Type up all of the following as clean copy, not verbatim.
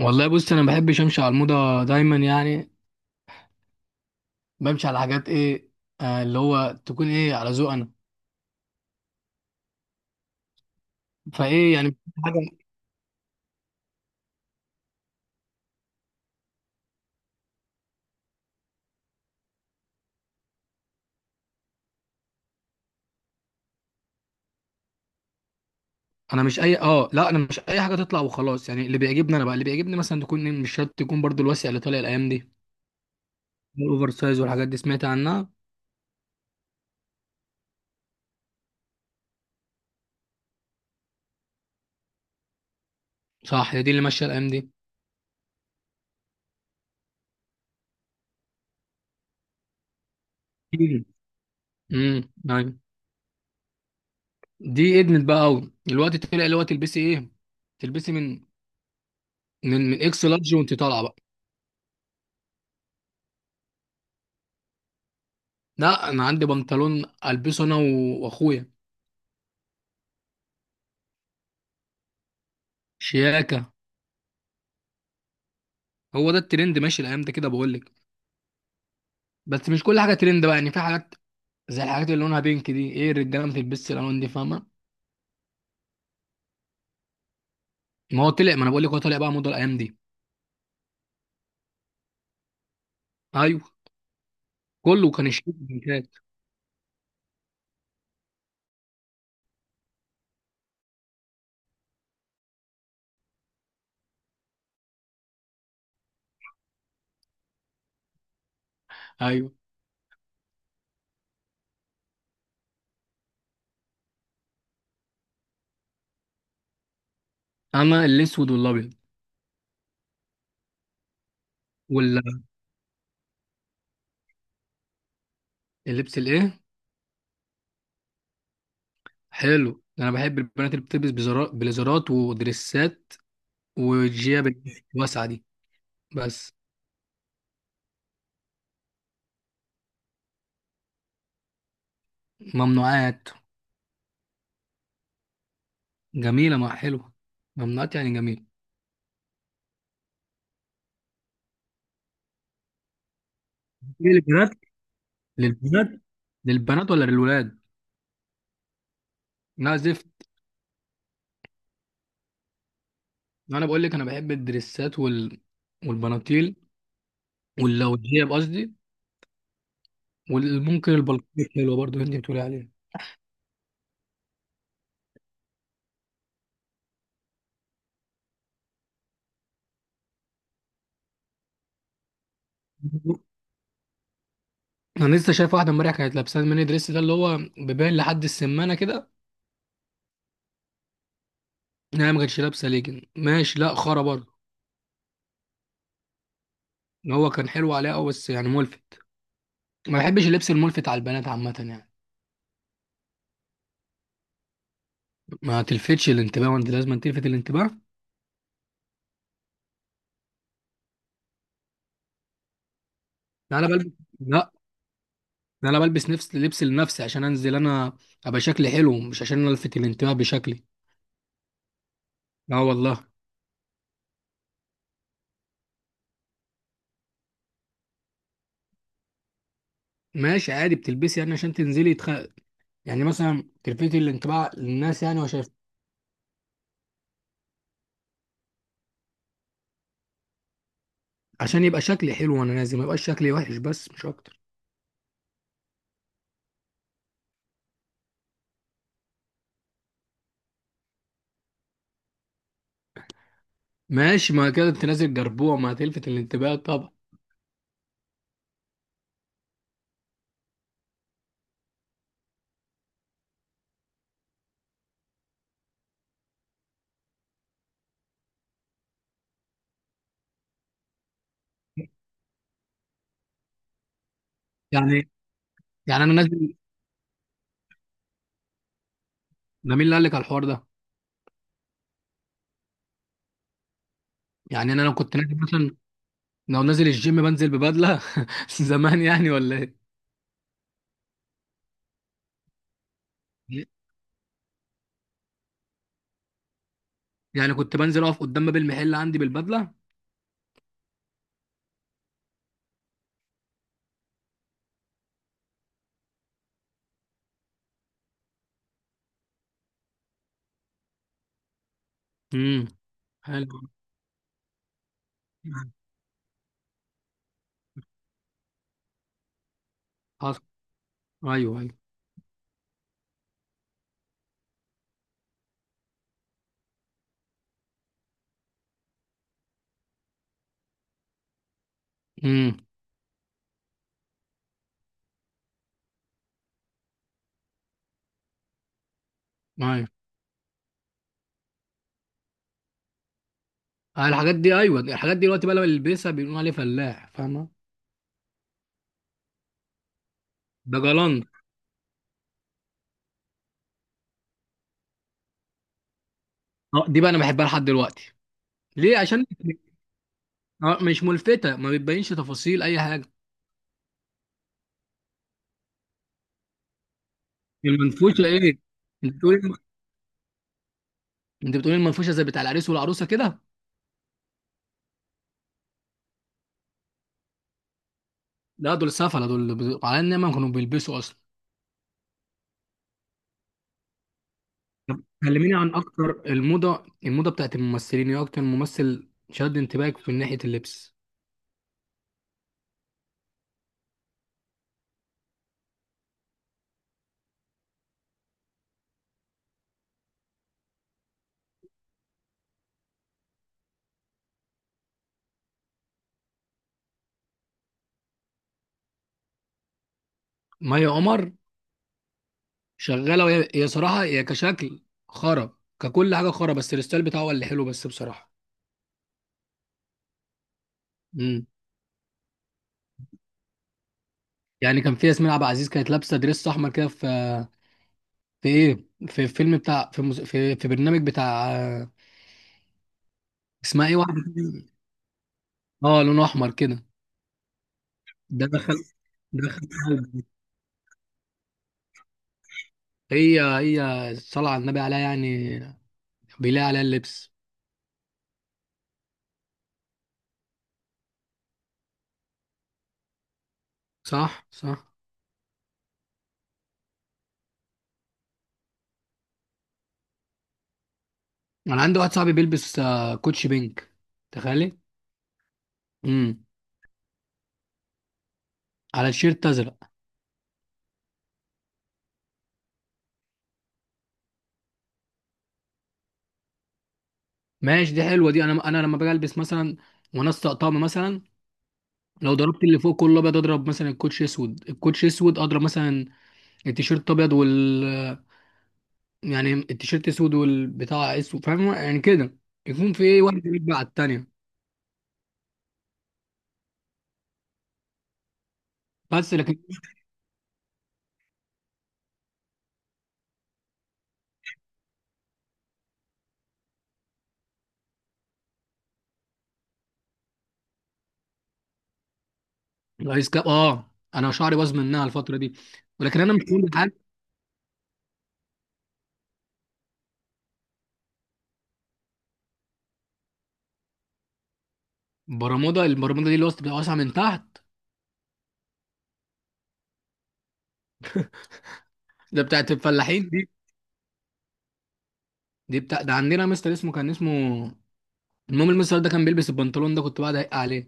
والله بص، انا ما بحبش امشي على الموضه دايما يعني. بمشي على حاجات ايه، اللي هو تكون ايه على ذوق انا. فايه يعني حاجه. انا مش اي لا، انا مش اي حاجه تطلع وخلاص يعني. اللي بيعجبني انا بقى، اللي بيعجبني مثلا تكون إيه، مش شرط تكون برضو الواسع اللي طالع الايام دي. الاوفر سايز والحاجات دي سمعت عنها. صح، هي دي اللي ماشيه الايام دي. نعم. دي ادمت بقى قوي الوقت. طلع اللي هو تلبسي ايه، تلبسي من اكس لارج وانت طالعه بقى. لا، انا عندي بنطلون البسه انا واخويا. شياكه. هو ده الترند ماشي الايام ده كده، بقول لك. بس مش كل حاجه ترند بقى يعني، في حاجات زي الحاجات اللي لونها بينك دي، ايه الرجاله ما بتلبسش الالوان دي، فاهمه؟ ما هو طلع، ما انا بقول لك هو طلع بقى موضه الايام دي. ايوه. كله كان الشيك بينكات. ايوه. اما الاسود والابيض. واللبس الايه؟ حلو ده، انا بحب البنات اللي بتلبس بليزرات ودريسات والجياب الواسعه دي. بس ممنوعات. جميله مع حلوه. ممنوعات يعني جميله. ليه للبنات؟ للبنات. للبنات ولا للولاد؟ لا زفت. ما انا بقول لك انا بحب الدريسات والبناطيل واللوجيه قصدي. وممكن البلطيك حلوه برضو اللي انت بتقولي عليه. انا لسه شايف واحده امبارح كانت لابسه الميني دريس ده اللي هو بيبان لحد السمانه كده. إن هي ما كانتش لابسه ليجن، ماشي، لا خرا برضه. إن هو كان حلو عليها قوي، بس يعني ملفت. ما بحبش اللبس الملفت على البنات عامه يعني. ما تلفتش الانتباه، وانت لازم تلفت الانتباه. لا انا بلبس لا، ده انا بلبس نفس لبس لنفسي عشان انزل انا، ابقى شكلي حلو، مش عشان الفت الانتباه بشكلي. اه، والله. ماشي، عادي بتلبسي يعني عشان يعني مثلا تلفتي الانطباع للناس يعني، وشايف. عشان يبقى شكلي حلو وانا نازل، ما يبقاش شكلي وحش، بس مش اكتر. ماشي، ما كده انت نازل جربوع، ما هتلفت الانتباه طبعا. يعني يعني انا نازل. ده مين اللي قال لك على الحوار ده؟ يعني انا لو كنت نازل مثلا، لو نازل الجيم بنزل ببدله زمان يعني، ولا ايه؟ يعني كنت بنزل اقف قدام باب المحل عندي بالبدله. امم حلو. حصل. ايوه ايوه. امم آه، الحاجات دي، ايوه الحاجات دي دلوقتي بقى لما يلبسها بيقولوا عليه فلاح، فاهمه؟ ده جلان. اه، دي بقى انا بحبها لحد دلوقتي. ليه؟ عشان آه، مش ملفته، ما بتبينش تفاصيل اي حاجه. المنفوشه ايه؟ انت بتقول، انت بتقول المنفوشه زي بتاع العريس والعروسه كده؟ لا دول سفله، دول على ان ما كانوا بيلبسوا اصلا. طب كلميني عن اكتر الموضه، الموضه بتاعت الممثلين، ايه اكتر ممثل شد انتباهك في ناحيه اللبس؟ مي عمر شغاله، وهي هي صراحه هي كشكل خرا، ككل حاجه خرا، بس الستايل بتاعه هو اللي حلو بس بصراحه. امم. يعني كان في ياسمين عبد العزيز كانت لابسه دريس احمر كده، في في ايه، في فيلم بتاع، في في برنامج بتاع، اسمها ايه واحده كده؟ اه لونه احمر كده. ده دخل قلبي. هي هي صلى على النبي عليها يعني، بيلاقي عليها اللبس. صح صح. انا عندي واحد صاحبي بيلبس آه، كوتشي بينك، تخيلي. امم. على الشيرت ازرق. ماشي، دي حلوه دي. انا انا لما باجي البس مثلا وانا أسطق طقم مثلا، لو ضربت اللي فوق كله ابيض اضرب مثلا الكوتش اسود، الكوتش اسود، اضرب مثلا التيشيرت ابيض وال، يعني التيشيرت اسود والبتاع اسود، فاهم يعني كده؟ يكون في ايه، واحد يرجع على التانيه. بس لكن الايس كاب، اه انا شعري باظ منها الفتره دي. ولكن انا مش كل حاجه. برمودا؟ البرمودا دي اللي وسط بتبقى واسعه من تحت؟ ده بتاعت الفلاحين دي. دي بتاع ده، عندنا مستر اسمه، كان اسمه، المهم المستر ده كان بيلبس البنطلون ده، كنت بقعد اضايق عليه.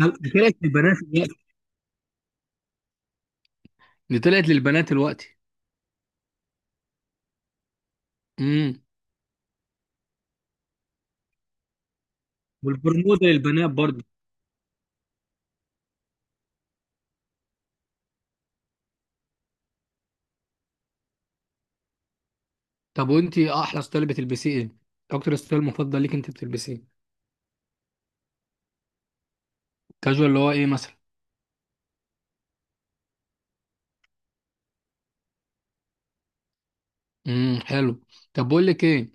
طلعت للبنات دلوقتي؟ دي طلعت للبنات دلوقتي؟ امم. والبرمودا للبنات برضه؟ طب وانت احلى ستايل بتلبسيه ايه؟ اكتر ستايل مفضل ليك انت بتلبسيه؟ كاجوال، اللي هو ايه مثلا؟ امم، حلو. طب بقول لك ايه،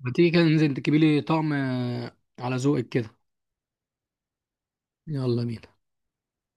ما تيجي كده ننزل تجيبي لي طقم آه، على ذوقك كده. يلا بينا.